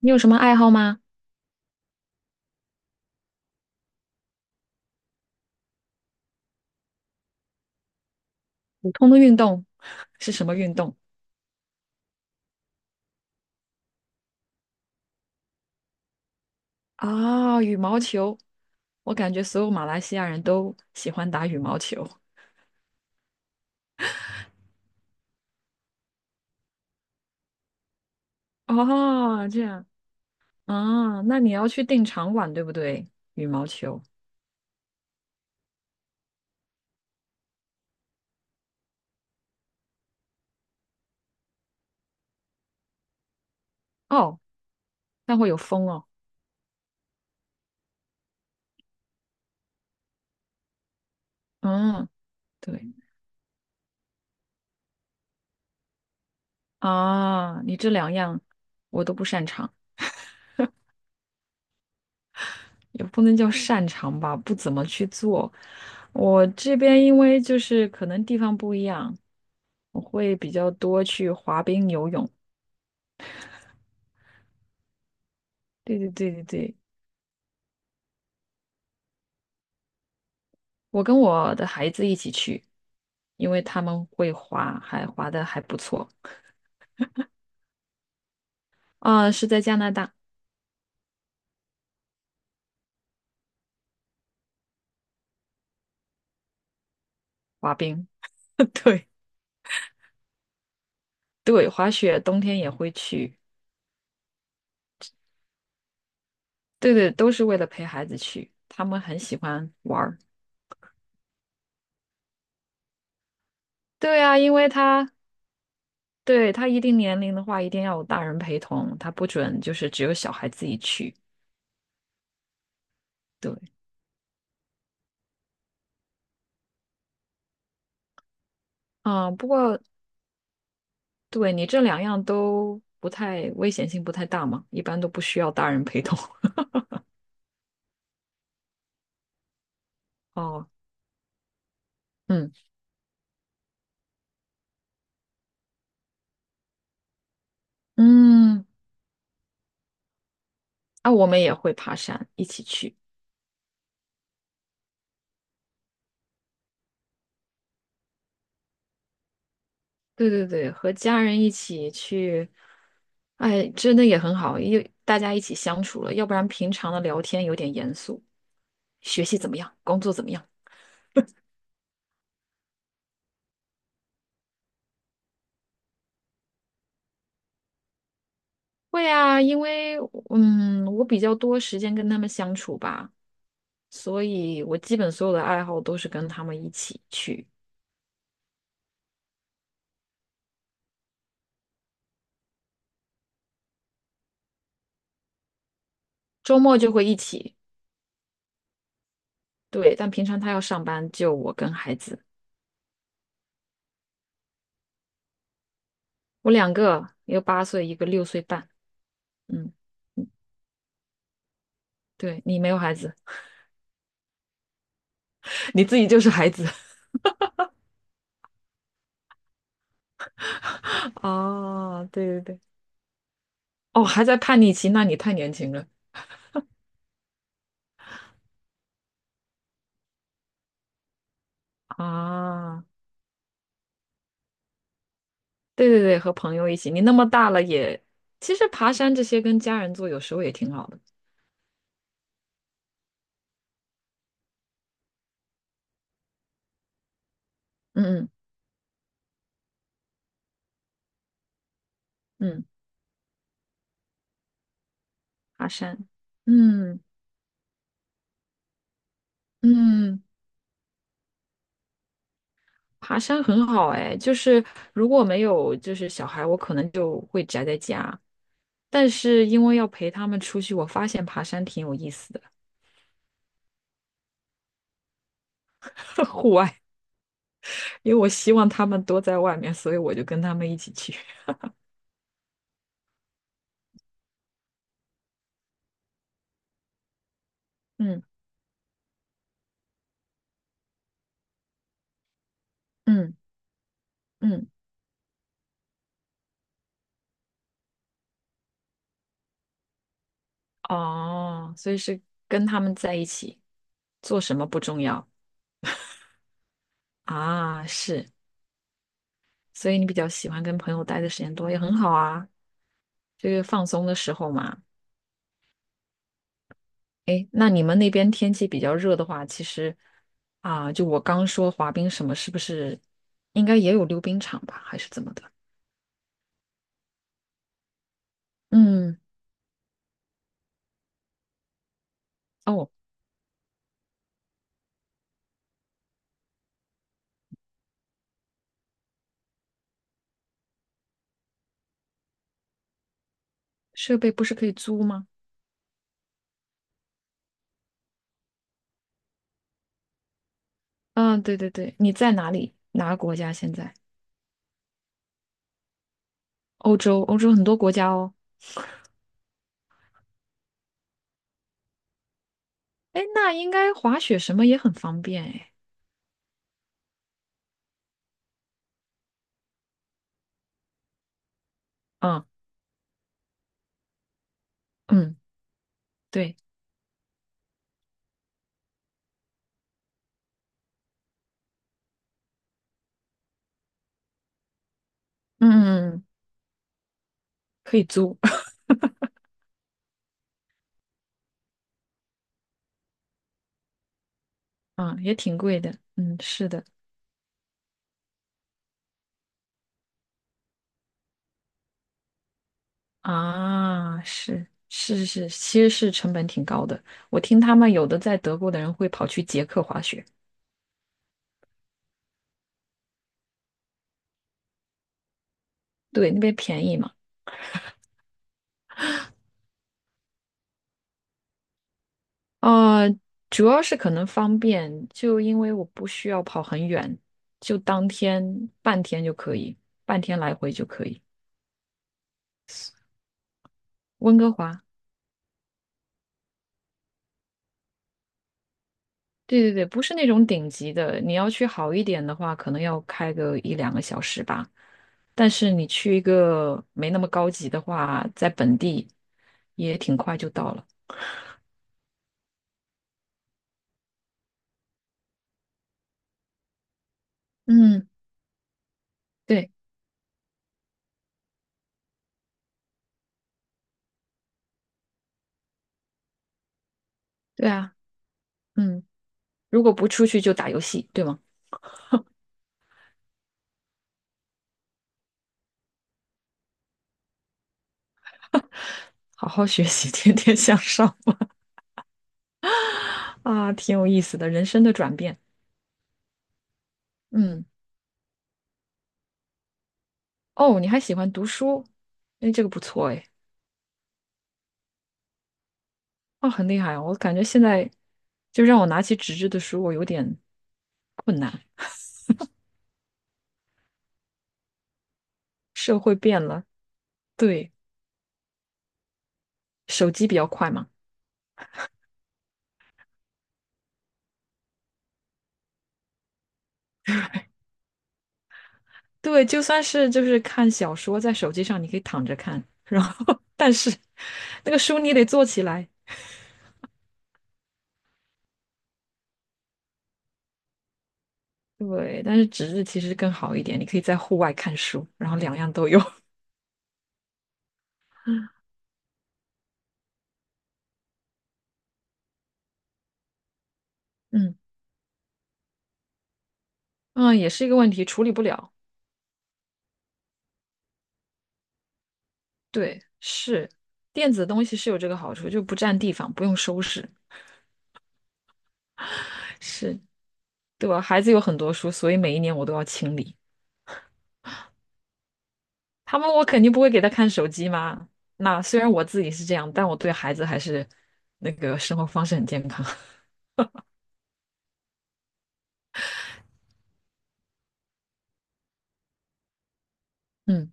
你有什么爱好吗？普通的运动 是什么运动？啊、羽毛球。我感觉所有马来西亚人都喜欢打羽毛球。哦，这样啊，那你要去订场馆，对不对？羽毛球哦，那会有风哦。嗯，对啊，你这两样我都不擅长，也不能叫擅长吧，不怎么去做。我这边因为就是可能地方不一样，我会比较多去滑冰、游泳。对对对对对，我跟我的孩子一起去，因为他们会滑，还滑的还不错啊，是在加拿大滑冰，对对，滑雪冬天也会去，对对，都是为了陪孩子去，他们很喜欢玩儿。对啊，因为对他一定年龄的话，一定要有大人陪同，他不准就是只有小孩自己去。对，嗯，不过对你这两样都不太危险性不太大嘛，一般都不需要大人陪同。哦。嗯。嗯，啊，我们也会爬山，一起去。对对对，和家人一起去，哎，真的也很好，因为大家一起相处了，要不然平常的聊天有点严肃。学习怎么样？工作怎么样？会啊，因为嗯，我比较多时间跟他们相处吧，所以我基本所有的爱好都是跟他们一起去，周末就会一起。对，但平常他要上班，就我跟孩子，我两个，一个8岁，一个6岁半。嗯。对你没有孩子，你自己就是孩子。哦，对对对，哦，还在叛逆期，那你太年轻了啊！对对对，和朋友一起，你那么大了也，其实爬山这些跟家人做有时候也挺好的。嗯嗯嗯，爬山，嗯嗯，爬山很好哎，就是如果没有就是小孩，我可能就会宅在家。但是因为要陪他们出去，我发现爬山挺有意思的，户外，因为我希望他们多在外面，所以我就跟他们一起去。嗯嗯嗯，哦，所以是跟他们在一起，做什么不重要啊，是，所以你比较喜欢跟朋友待的时间多，也很好啊，这个放松的时候嘛。诶，那你们那边天气比较热的话，其实啊，就我刚说滑冰什么，是不是应该也有溜冰场吧，还是怎么的？嗯，哦，设备不是可以租吗？嗯，对对对，你在哪里？哪个国家现在？欧洲，欧洲很多国家哦。哎，那应该滑雪什么也很方便哎。嗯嗯，对，嗯嗯嗯，可以租，嗯，也挺贵的。嗯，是的，啊，是是是，其实是成本挺高的。我听他们有的在德国的人会跑去捷克滑雪，对，那边便宜嘛。呃，主要是可能方便，就因为我不需要跑很远，就当天半天就可以，半天来回就可以。温哥华，对对对，不是那种顶级的，你要去好一点的话，可能要开个一两个小时吧。但是你去一个没那么高级的话，在本地也挺快就到了。嗯，对对啊，嗯，如果不出去就打游戏，对吗？好好学习，天天向上 啊，挺有意思的，人生的转变。嗯，哦，你还喜欢读书，哎，这个不错哎，哦，很厉害，啊！我感觉现在就让我拿起纸质的书，我有点困难。社会变了，对，手机比较快嘛，对，就算是就是看小说，在手机上你可以躺着看，然后 但是那个书你得坐起来，对，但是纸质其实更好一点，你可以在户外看书，然后两样都有，嗯嗯，也是一个问题，处理不了，对，是电子东西是有这个好处，就不占地方，不用收拾，是对吧？孩子有很多书，所以每一年我都要清理。他们我肯定不会给他看手机嘛。那虽然我自己是这样，但我对孩子还是那个生活方式很健康。嗯，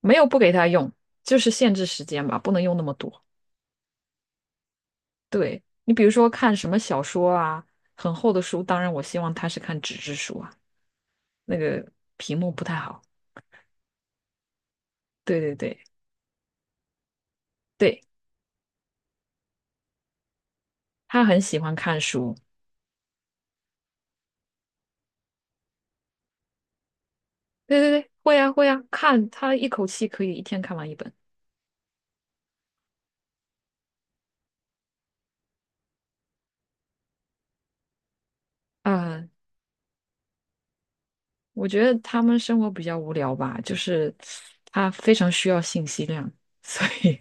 没有不给他用，就是限制时间吧，不能用那么多。对，你比如说看什么小说啊，很厚的书，当然我希望他是看纸质书啊，那个屏幕不太好。对对对对，他很喜欢看书。对对对，会啊会啊，看他一口气可以一天看完一本。啊。我觉得他们生活比较无聊吧，就是他非常需要信息量，所以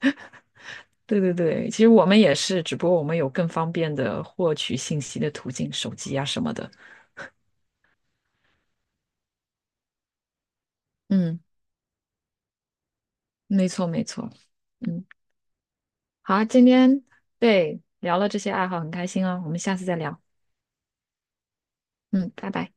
对对对，其实我们也是，只不过我们有更方便的获取信息的途径，手机啊什么的。嗯，没错没错。嗯，好，今天对聊了这些爱好，很开心哦，我们下次再聊。嗯，拜拜。